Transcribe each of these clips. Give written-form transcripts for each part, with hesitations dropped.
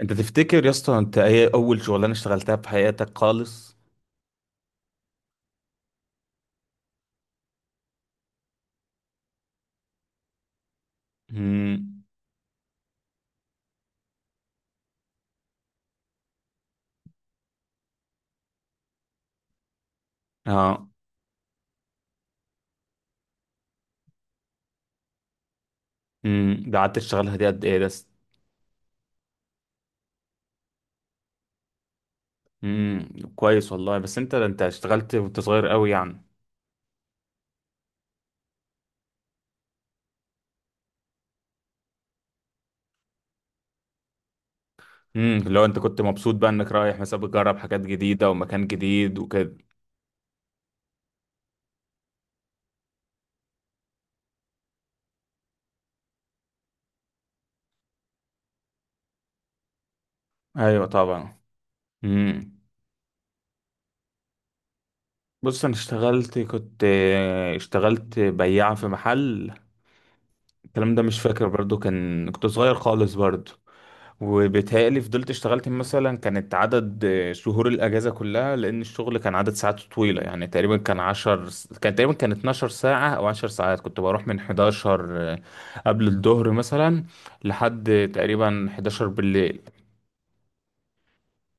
انت تفتكر يا اسطى انت ايه اول شغلانه اشتغلتها في حياتك خالص؟ امم اه. ده قعدت تشتغلها دي قد ايه بس؟ امم كويس والله، بس انت اشتغلت وانت صغير قوي يعني. لو انت كنت مبسوط بقى انك رايح مثلا بتجرب حاجات جديده ومكان جديد وكده. ايوه طبعا. امم بص انا اشتغلت، كنت اشتغلت بياع في محل. الكلام ده مش فاكر برضو، كان كنت صغير خالص برضو. وبيتهيألي فضلت اشتغلت مثلا، كانت عدد شهور الأجازة كلها، لأن الشغل كان عدد ساعات طويلة يعني. تقريبا كان كان تقريبا كان 12 ساعة أو 10 ساعات. كنت بروح من 11 قبل الظهر مثلا، لحد تقريبا 11 بالليل.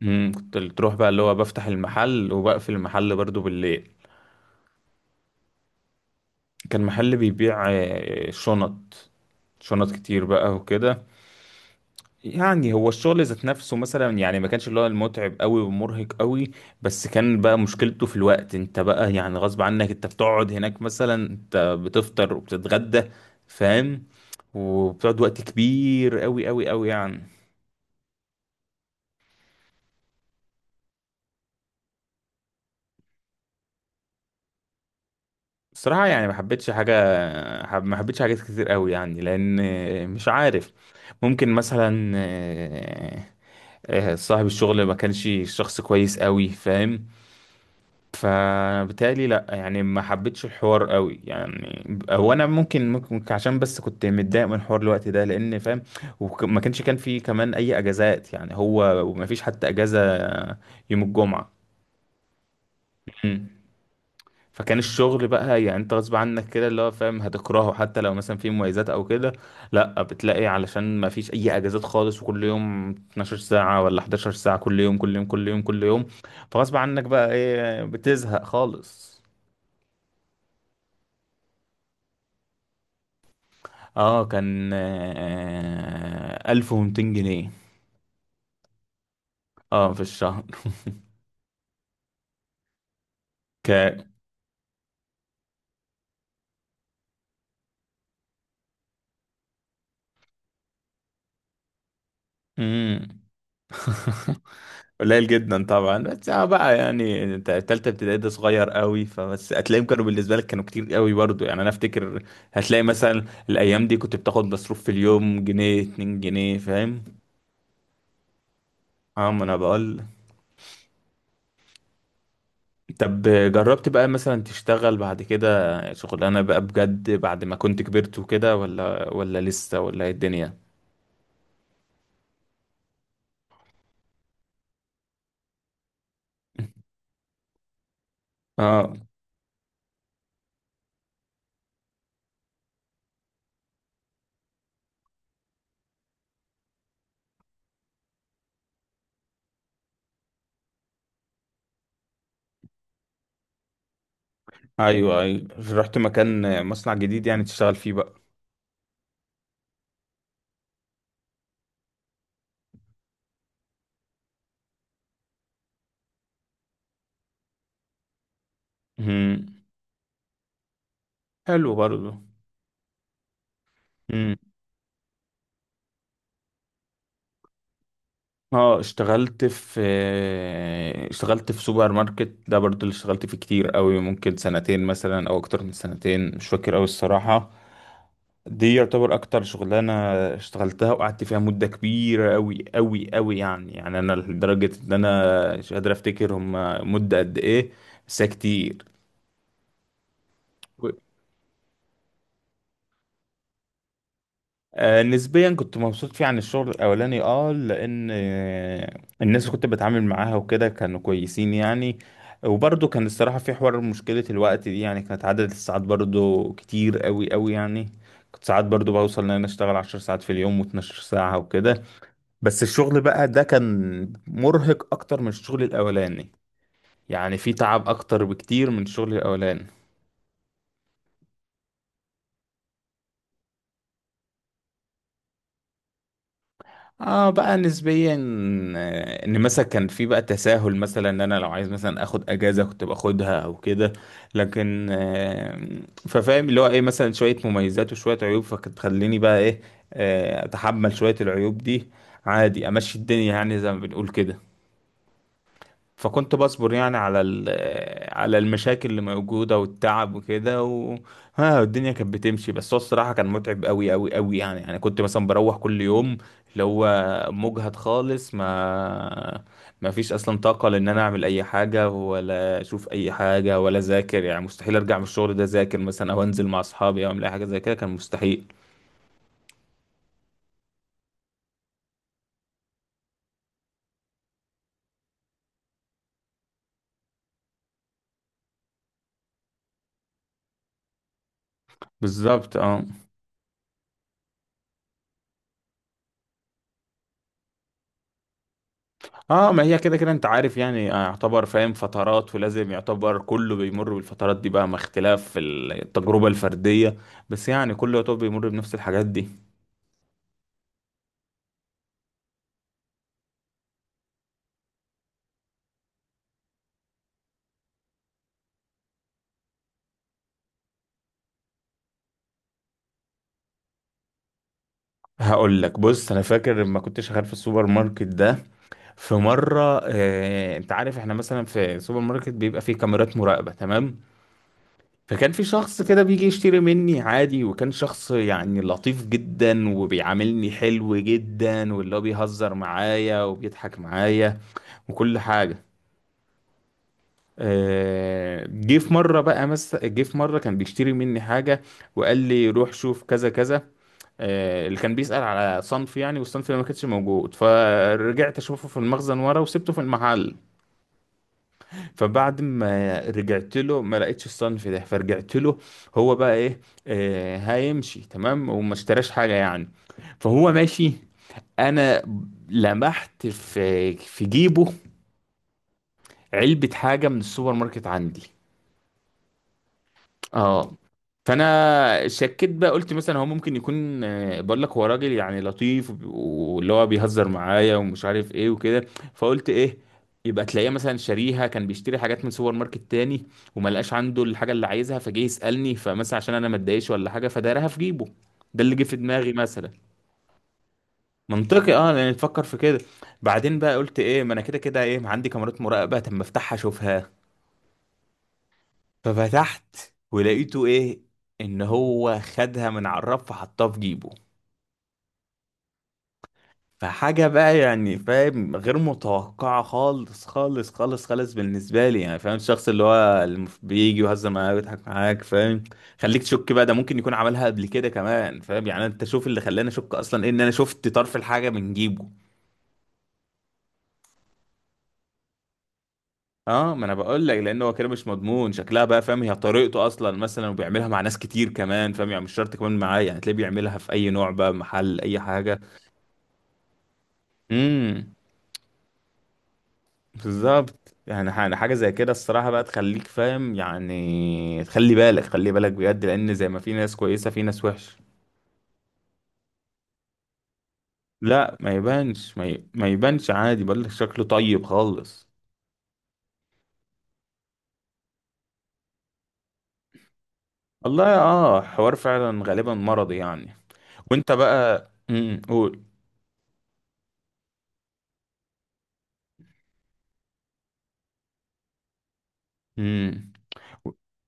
مم، كنت تروح بقى اللي هو بفتح المحل وبقفل المحل برضو بالليل. كان محل بيبيع شنط، شنط كتير بقى وكده. يعني هو الشغل ذات نفسه مثلا يعني ما كانش اللي هو المتعب قوي ومرهق قوي، بس كان بقى مشكلته في الوقت. انت بقى يعني غصب عنك، انت بتقعد هناك مثلا، انت بتفطر وبتتغدى، فاهم، وبتقعد وقت كبير قوي قوي قوي يعني. الصراحة يعني ما حبيتش حاجة حب، ما حبيتش حاجات كتير قوي يعني، لأن مش عارف. ممكن مثلا صاحب الشغل ما كانش شخص كويس قوي، فاهم. فبالتالي لا يعني ما حبيتش الحوار قوي يعني. هو انا ممكن عشان بس كنت متضايق من حوار الوقت ده، لان فاهم. وما كانش كان في كمان اي اجازات يعني، هو وما فيش حتى اجازة يوم الجمعة. مم. فكان الشغل بقى يعني انت غصب عنك كده، اللي هو فاهم هتكرهه حتى لو مثلا في مميزات او كده. لا، بتلاقي علشان ما فيش اي اجازات خالص، وكل يوم 12 ساعة ولا 11 ساعة، كل يوم كل يوم كل يوم كل يوم. فغصب عنك بقى ايه، بتزهق خالص. اه، كان آه 1200 جنيه. اه في الشهر. ك مم. قليل جدا طبعا، بس اه بقى يعني انت تالتة ابتدائي ده صغير قوي، فبس هتلاقيهم كانوا بالنسبة لك كانوا كتير قوي برضو يعني، انا افتكر. هتلاقي مثلا الايام دي كنت بتاخد مصروف في اليوم جنيه 2 جنيه، فاهم. اه ما انا بقول. طب جربت بقى مثلا تشتغل بعد كده شغلانة بقى بجد بعد ما كنت كبرت وكده، ولا لسه، ولا ايه الدنيا؟ اه. ايوه ايوه. رحت مكان، مصنع جديد يعني تشتغل فيه بقى. مم. حلو برضه. مم. اه اشتغلت في، اشتغلت في سوبر ماركت ده، برضه اللي اشتغلت فيه كتير قوي، ممكن سنتين مثلا او اكتر من سنتين، مش فاكر قوي الصراحة. دي يعتبر اكتر شغلانة اشتغلتها وقعدت فيها مدة كبيرة قوي قوي قوي يعني. يعني انا لدرجة ان انا مش قادر افتكر هم مدة قد ايه، بس هي كتير. نسبيا كنت مبسوط فيه عن الشغل الاولاني، اه لان الناس اللي كنت بتعامل معاها وكده كانوا كويسين يعني. وبرضه كان الصراحة في حوار مشكلة الوقت دي يعني، كانت عدد الساعات برضه كتير قوي قوي يعني. كنت ساعات برضه بوصل ان انا اشتغل 10 ساعات في اليوم واتناشر ساعة وكده. بس الشغل بقى ده كان مرهق اكتر من الشغل الاولاني، يعني في تعب اكتر بكتير من الشغل الاولاني. اه بقى نسبيا، ان مثلا كان في بقى تساهل، مثلا ان انا لو عايز مثلا اخد اجازه كنت باخدها او كده. لكن ففاهم اللي هو ايه، مثلا شويه مميزات وشويه عيوب، فكانت تخليني بقى ايه، اتحمل شويه العيوب دي عادي، امشي الدنيا يعني زي ما بنقول كده. فكنت بصبر يعني على على المشاكل اللي موجودة والتعب وكده ها الدنيا كانت بتمشي. بس هو الصراحة كان متعب قوي قوي قوي يعني، يعني كنت مثلا بروح كل يوم اللي هو مجهد خالص، ما فيش اصلا طاقة لان انا اعمل اي حاجة ولا اشوف اي حاجة ولا اذاكر يعني. مستحيل ارجع من الشغل ده اذاكر مثلا او انزل مع اصحابي او اعمل اي حاجة زي كده، كان مستحيل. بالظبط اه. اه، ما هي كده كده انت عارف يعني، يعتبر فاهم فترات، ولازم يعتبر كله بيمر بالفترات دي بقى، مع اختلاف في التجربة الفردية. بس يعني كله يعتبر بيمر بنفس الحاجات دي. هقول لك، بص انا فاكر لما كنت شغال في السوبر ماركت ده، في مرة اه، انت عارف احنا مثلا في السوبر ماركت بيبقى فيه كاميرات مراقبة، تمام. فكان في شخص كده بيجي يشتري مني عادي، وكان شخص يعني لطيف جدا وبيعاملني حلو جدا، واللي هو بيهزر معايا وبيضحك معايا وكل حاجة. جه في مره كان بيشتري مني حاجه، وقال لي روح شوف كذا كذا. اللي كان بيسأل على صنف يعني، والصنف اللي ما كانش موجود، فرجعت اشوفه في المخزن ورا وسبته في المحل. فبعد ما رجعت له ما لقيتش الصنف ده، فرجعت له، هو بقى ايه آه هيمشي تمام وما اشتراش حاجة يعني، فهو ماشي. انا لمحت في جيبه علبة حاجة من السوبر ماركت عندي. اه. فانا شكيت بقى، قلت مثلا هو ممكن يكون بقول لك هو راجل يعني لطيف واللي هو بيهزر معايا ومش عارف ايه وكده. فقلت ايه، يبقى تلاقيه مثلا شاريها، كان بيشتري حاجات من سوبر ماركت تاني وما لقاش عنده الحاجه اللي عايزها، فجه يسالني، فمثلا عشان انا ما اتضايقش ولا حاجه فدايرها في جيبه. ده اللي جه في دماغي مثلا. منطقي اه، لان تفكر في كده. بعدين بقى قلت ايه، ما انا كده كده ايه عندي كاميرات مراقبه، طب ما افتحها اشوفها. ففتحت، ولقيته ايه، ان هو خدها من على الرف وحطها في جيبه. فحاجة بقى يعني فاهم غير متوقعة خالص خالص خالص خالص بالنسبة لي، يعني فاهم الشخص اللي هو اللي بيجي يهزر معاك ويضحك معاك، فاهم. خليك تشك بقى، ده ممكن يكون عملها قبل كده كمان فاهم يعني. انت شوف اللي خلاني اشك اصلا إيه؟ ان انا شفت طرف الحاجة من جيبه. اه ما انا بقول لك، لان هو كده مش مضمون شكلها بقى فاهم، هي طريقته اصلا مثلا وبيعملها مع ناس كتير كمان فاهم يعني، مش شرط كمان معاه يعني، تلاقيه بيعملها في اي نوع بقى، محل اي حاجه. امم. بالظبط، يعني يعني حاجه زي كده الصراحه بقى تخليك فاهم يعني، تخلي بالك، خلي بالك بجد، لان زي ما في ناس كويسه في ناس وحشه. لا ما يبانش، ما يبانش عادي، بقول لك شكله طيب خالص. والله اه، حوار فعلا غالبا مرضي يعني. وانت بقى، قول. امم.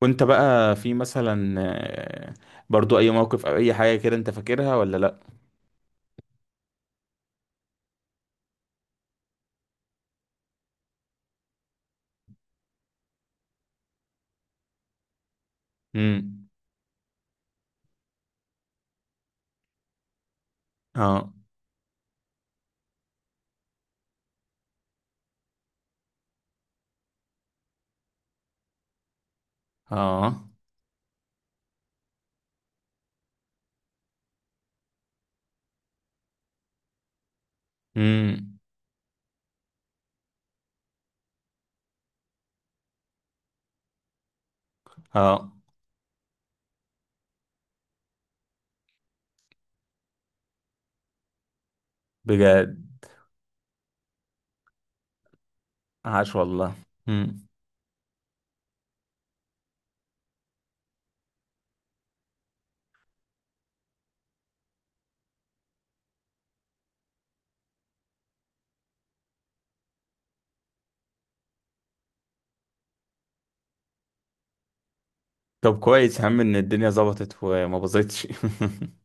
وانت بقى في مثلا آه، برضو اي موقف او اي حاجة كده انت فاكرها ولا لا؟ امم. اه. اه. امم. اه. بجد. عاش والله. امم. طب كويس يا عم ان الدنيا ظبطت وما باظتش.